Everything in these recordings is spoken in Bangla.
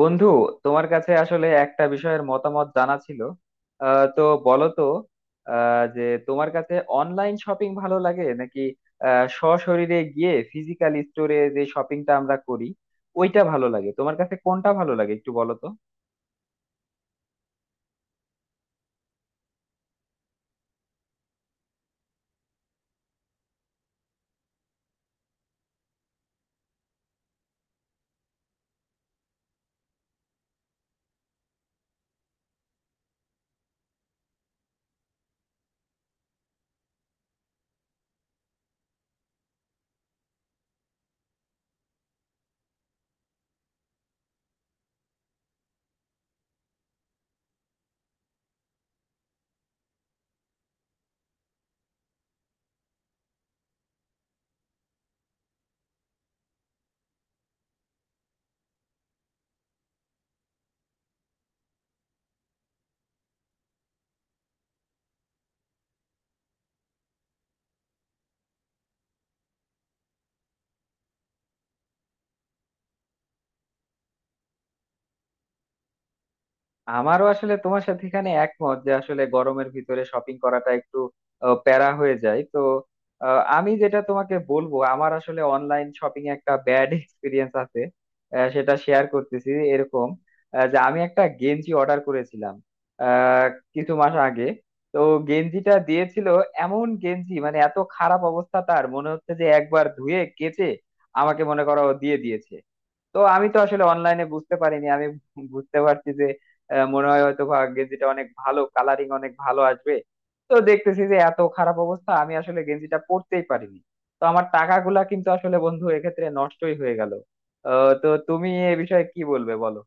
বন্ধু, তোমার কাছে আসলে একটা বিষয়ের মতামত জানা ছিল। তো বলো তো। যে তোমার কাছে অনলাইন শপিং ভালো লাগে, নাকি সশরীরে গিয়ে ফিজিক্যাল স্টোরে যে শপিংটা আমরা করি ওইটা ভালো লাগে? তোমার কাছে কোনটা ভালো লাগে একটু বলো তো। আমারও আসলে তোমার সাথে এখানে একমত যে আসলে গরমের ভিতরে শপিং করাটা একটু প্যারা হয়ে যায় তো। আমি যেটা তোমাকে বলবো, আমার আসলে অনলাইন শপিং একটা ব্যাড এক্সপিরিয়েন্স আছে। সেটা শেয়ার করতেছি এরকম। যে আমি একটা গেঞ্জি অর্ডার করেছিলাম আহ, কিছু মাস আগে। তো গেঞ্জিটা দিয়েছিল, এমন গেঞ্জি মানে এত খারাপ অবস্থা, তার মনে হচ্ছে যে একবার ধুয়ে কেচে আমাকে মনে করো দিয়ে দিয়েছে। তো আমি তো আসলে অনলাইনে বুঝতে পারিনি, আমি বুঝতে পারছি যে মনে হয় হয়তো ভাগ্যে যেটা, অনেক ভালো কালারিং, অনেক ভালো আসবে। তো দেখতেছি যে এত খারাপ অবস্থা, আমি আসলে গেঞ্জিটা পরতেই পারিনি। তো আমার টাকাগুলা কিন্তু আসলে বন্ধু এক্ষেত্রে নষ্টই হয়ে গেল। তো তুমি এ বিষয়ে কি বলবে বলো।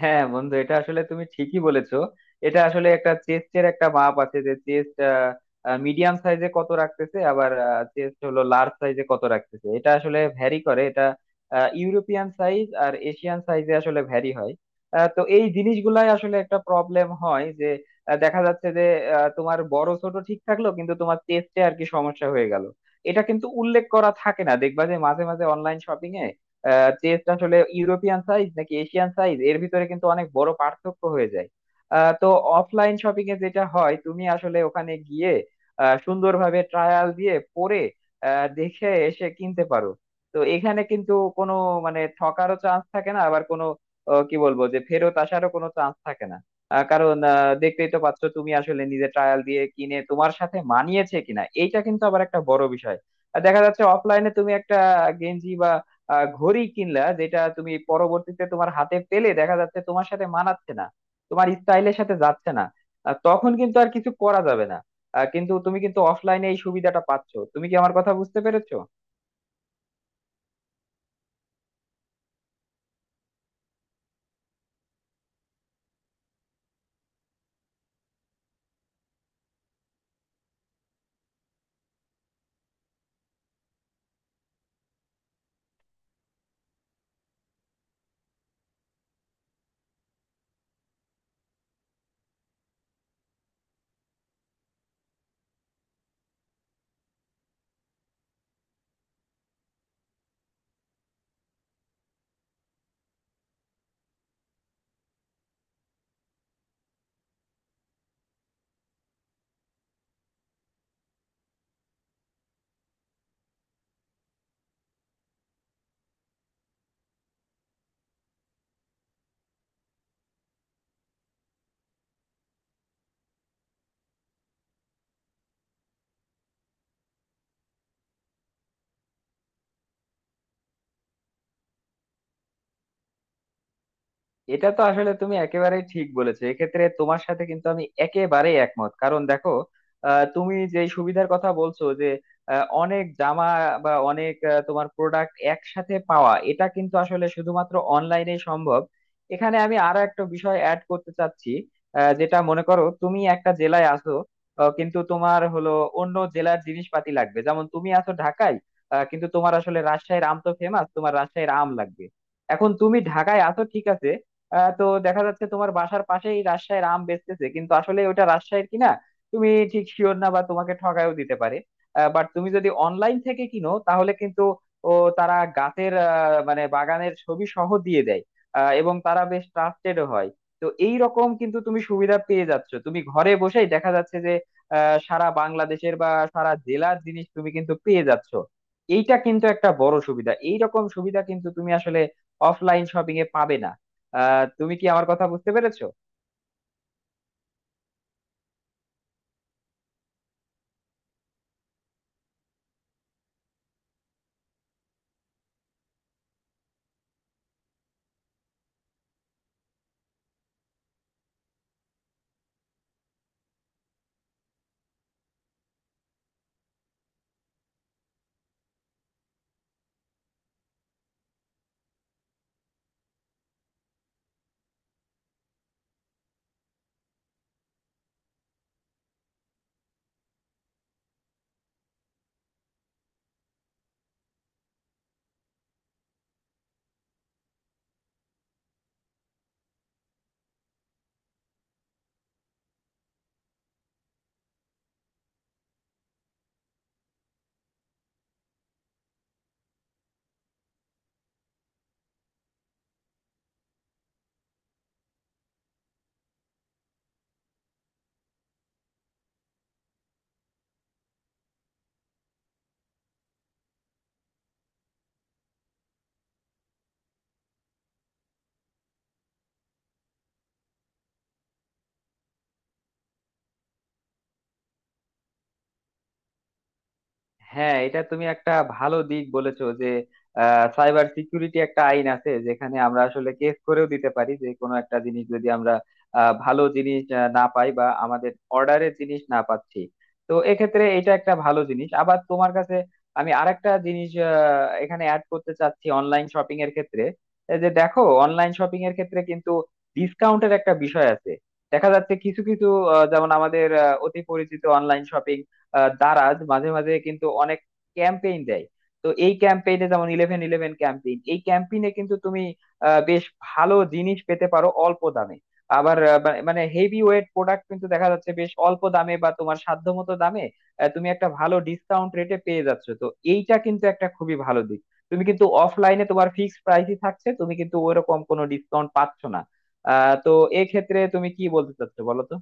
হ্যাঁ বন্ধু, এটা আসলে তুমি ঠিকই বলেছো। এটা আসলে একটা চেস্টের একটা মাপ আছে, যে চেস্ট মিডিয়াম সাইজে কত রাখতেছে, আবার চেস্ট হলো লার্জ সাইজে কত রাখতেছে। এটা আসলে ভ্যারি করে, এটা ইউরোপিয়ান সাইজ আর এশিয়ান সাইজে আসলে ভ্যারি হয়। তো এই জিনিসগুলাই আসলে একটা প্রবলেম হয়, যে দেখা যাচ্ছে যে তোমার বড় ছোট ঠিক থাকলো কিন্তু তোমার চেস্টে আর কি সমস্যা হয়ে গেল। এটা কিন্তু উল্লেখ করা থাকে না, দেখবা যে মাঝে মাঝে অনলাইন শপিং এ চেস আসলে ইউরোপিয়ান সাইজ নাকি এশিয়ান সাইজ, এর ভিতরে কিন্তু অনেক বড় পার্থক্য হয়ে যায়। তো অফলাইন শপিং এ যেটা হয়, তুমি আসলে ওখানে গিয়ে সুন্দরভাবে ট্রায়াল দিয়ে পরে দেখে এসে কিনতে পারো। তো এখানে কিন্তু কোনো মানে ঠকারও চান্স থাকে না, আবার কোনো কি বলবো, যে ফেরত আসারও কোনো চান্স থাকে না। কারণ দেখতেই তো পাচ্ছ, তুমি আসলে নিজে ট্রায়াল দিয়ে কিনে তোমার সাথে মানিয়েছে কিনা, এইটা কিন্তু আবার একটা বড় বিষয়। আর দেখা যাচ্ছে অফলাইনে তুমি একটা গেঞ্জি বা ঘড়ি কিনলা, যেটা তুমি পরবর্তীতে তোমার হাতে পেলে দেখা যাচ্ছে তোমার সাথে মানাচ্ছে না, তোমার স্টাইলের সাথে যাচ্ছে না। তখন কিন্তু আর কিছু করা যাবে না। কিন্তু তুমি কিন্তু অফলাইনে এই সুবিধাটা পাচ্ছ। তুমি কি আমার কথা বুঝতে পেরেছো? এটা তো আসলে তুমি একেবারেই ঠিক বলেছো, এক্ষেত্রে তোমার সাথে কিন্তু আমি একেবারে একমত, কারণ দেখো তুমি যে সুবিধার কথা বলছো, যে অনেক জামা বা অনেক তোমার প্রোডাক্ট একসাথে পাওয়া, এটা কিন্তু আসলে শুধুমাত্র অনলাইনে সম্ভব। এখানে আমি আরো একটা বিষয় অ্যাড করতে চাচ্ছি। যেটা মনে করো তুমি একটা জেলায় আসো, কিন্তু তোমার হলো অন্য জেলার জিনিসপাতি লাগবে। যেমন তুমি আছো ঢাকায়, কিন্তু তোমার আসলে রাজশাহীর আম তো ফেমাস, তোমার রাজশাহীর আম লাগবে। এখন তুমি ঢাকায় আসো ঠিক আছে। তো দেখা যাচ্ছে তোমার বাসার পাশেই রাজশাহীর আম বেচতেছে, কিন্তু আসলে ওটা রাজশাহীর কিনা তুমি ঠিক শিওর না, বা তোমাকে ঠকায়ও দিতে পারে। বাট তুমি যদি অনলাইন থেকে কিনো তাহলে কিন্তু ও তারা গাছের মানে বাগানের ছবি সহ দিয়ে দেয়, এবং তারা বেশ ট্রাস্টেড হয়। তো এই রকম কিন্তু তুমি সুবিধা পেয়ে যাচ্ছ, তুমি ঘরে বসেই দেখা যাচ্ছে যে সারা বাংলাদেশের বা সারা জেলার জিনিস তুমি কিন্তু পেয়ে যাচ্ছ। এইটা কিন্তু একটা বড় সুবিধা, এই রকম সুবিধা কিন্তু তুমি আসলে অফলাইন শপিং এ পাবে না। তুমি কি আমার কথা বুঝতে পেরেছো? হ্যাঁ, এটা তুমি একটা ভালো দিক বলেছো, যে সাইবার সিকিউরিটি একটা আইন আছে যেখানে আমরা আসলে কেস করেও দিতে পারি, যে কোনো একটা জিনিস যদি আমরা ভালো জিনিস না পাই বা আমাদের অর্ডারের জিনিস না পাচ্ছি। তো এক্ষেত্রে এটা একটা ভালো জিনিস। আবার তোমার কাছে আমি আরেকটা জিনিস এখানে অ্যাড করতে চাচ্ছি অনলাইন শপিং এর ক্ষেত্রে। এই যে দেখো, অনলাইন শপিং এর ক্ষেত্রে কিন্তু ডিসকাউন্টের একটা বিষয় আছে। দেখা যাচ্ছে কিছু কিছু যেমন আমাদের অতি পরিচিত অনলাইন শপিং দারাজ মাঝে মাঝে কিন্তু অনেক ক্যাম্পেইন দেয়। তো এই ক্যাম্পেইনে যেমন ইলেভেন ইলেভেন ক্যাম্পেইন, এই ক্যাম্পেইনে কিন্তু তুমি বেশ ভালো জিনিস পেতে পারো অল্প দামে। আবার মানে হেভি ওয়েট প্রোডাক্ট কিন্তু দেখা যাচ্ছে বেশ অল্প দামে বা তোমার সাধ্যমতো দামে তুমি একটা ভালো ডিসকাউন্ট রেটে পেয়ে যাচ্ছ। তো এইটা কিন্তু একটা খুবই ভালো দিক। তুমি কিন্তু অফলাইনে তোমার ফিক্সড প্রাইসই থাকছে, তুমি কিন্তু ওইরকম কোনো ডিসকাউন্ট পাচ্ছ না। তো এক্ষেত্রে তুমি কি বলতে চাচ্ছো বলো তো।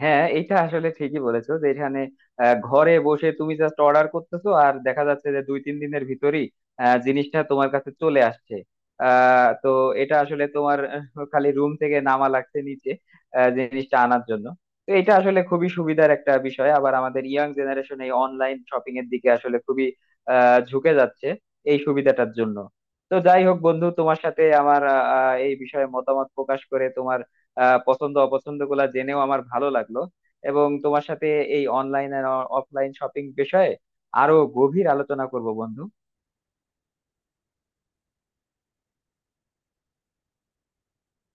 হ্যাঁ, এটা আসলে ঠিকই বলেছো, যে এখানে ঘরে বসে তুমি জাস্ট অর্ডার করতেছো, আর দেখা যাচ্ছে যে দুই তিন দিনের ভিতরই জিনিসটা তোমার কাছে চলে আসছে। তো এটা আসলে তোমার খালি রুম থেকে নামা লাগছে নিচে জিনিসটা আনার জন্য। তো এটা আসলে খুবই সুবিধার একটা বিষয়। আবার আমাদের ইয়াং জেনারেশন এই অনলাইন শপিং এর দিকে আসলে খুবই ঝুঁকে যাচ্ছে এই সুবিধাটার জন্য। তো যাই হোক বন্ধু, তোমার সাথে আমার আহ, আহ, এই বিষয়ে মতামত প্রকাশ করে, তোমার পছন্দ অপছন্দ গুলা জেনেও আমার ভালো লাগলো। এবং তোমার সাথে এই অনলাইন আর অফলাইন শপিং বিষয়ে আরো গভীর আলোচনা করব বন্ধু।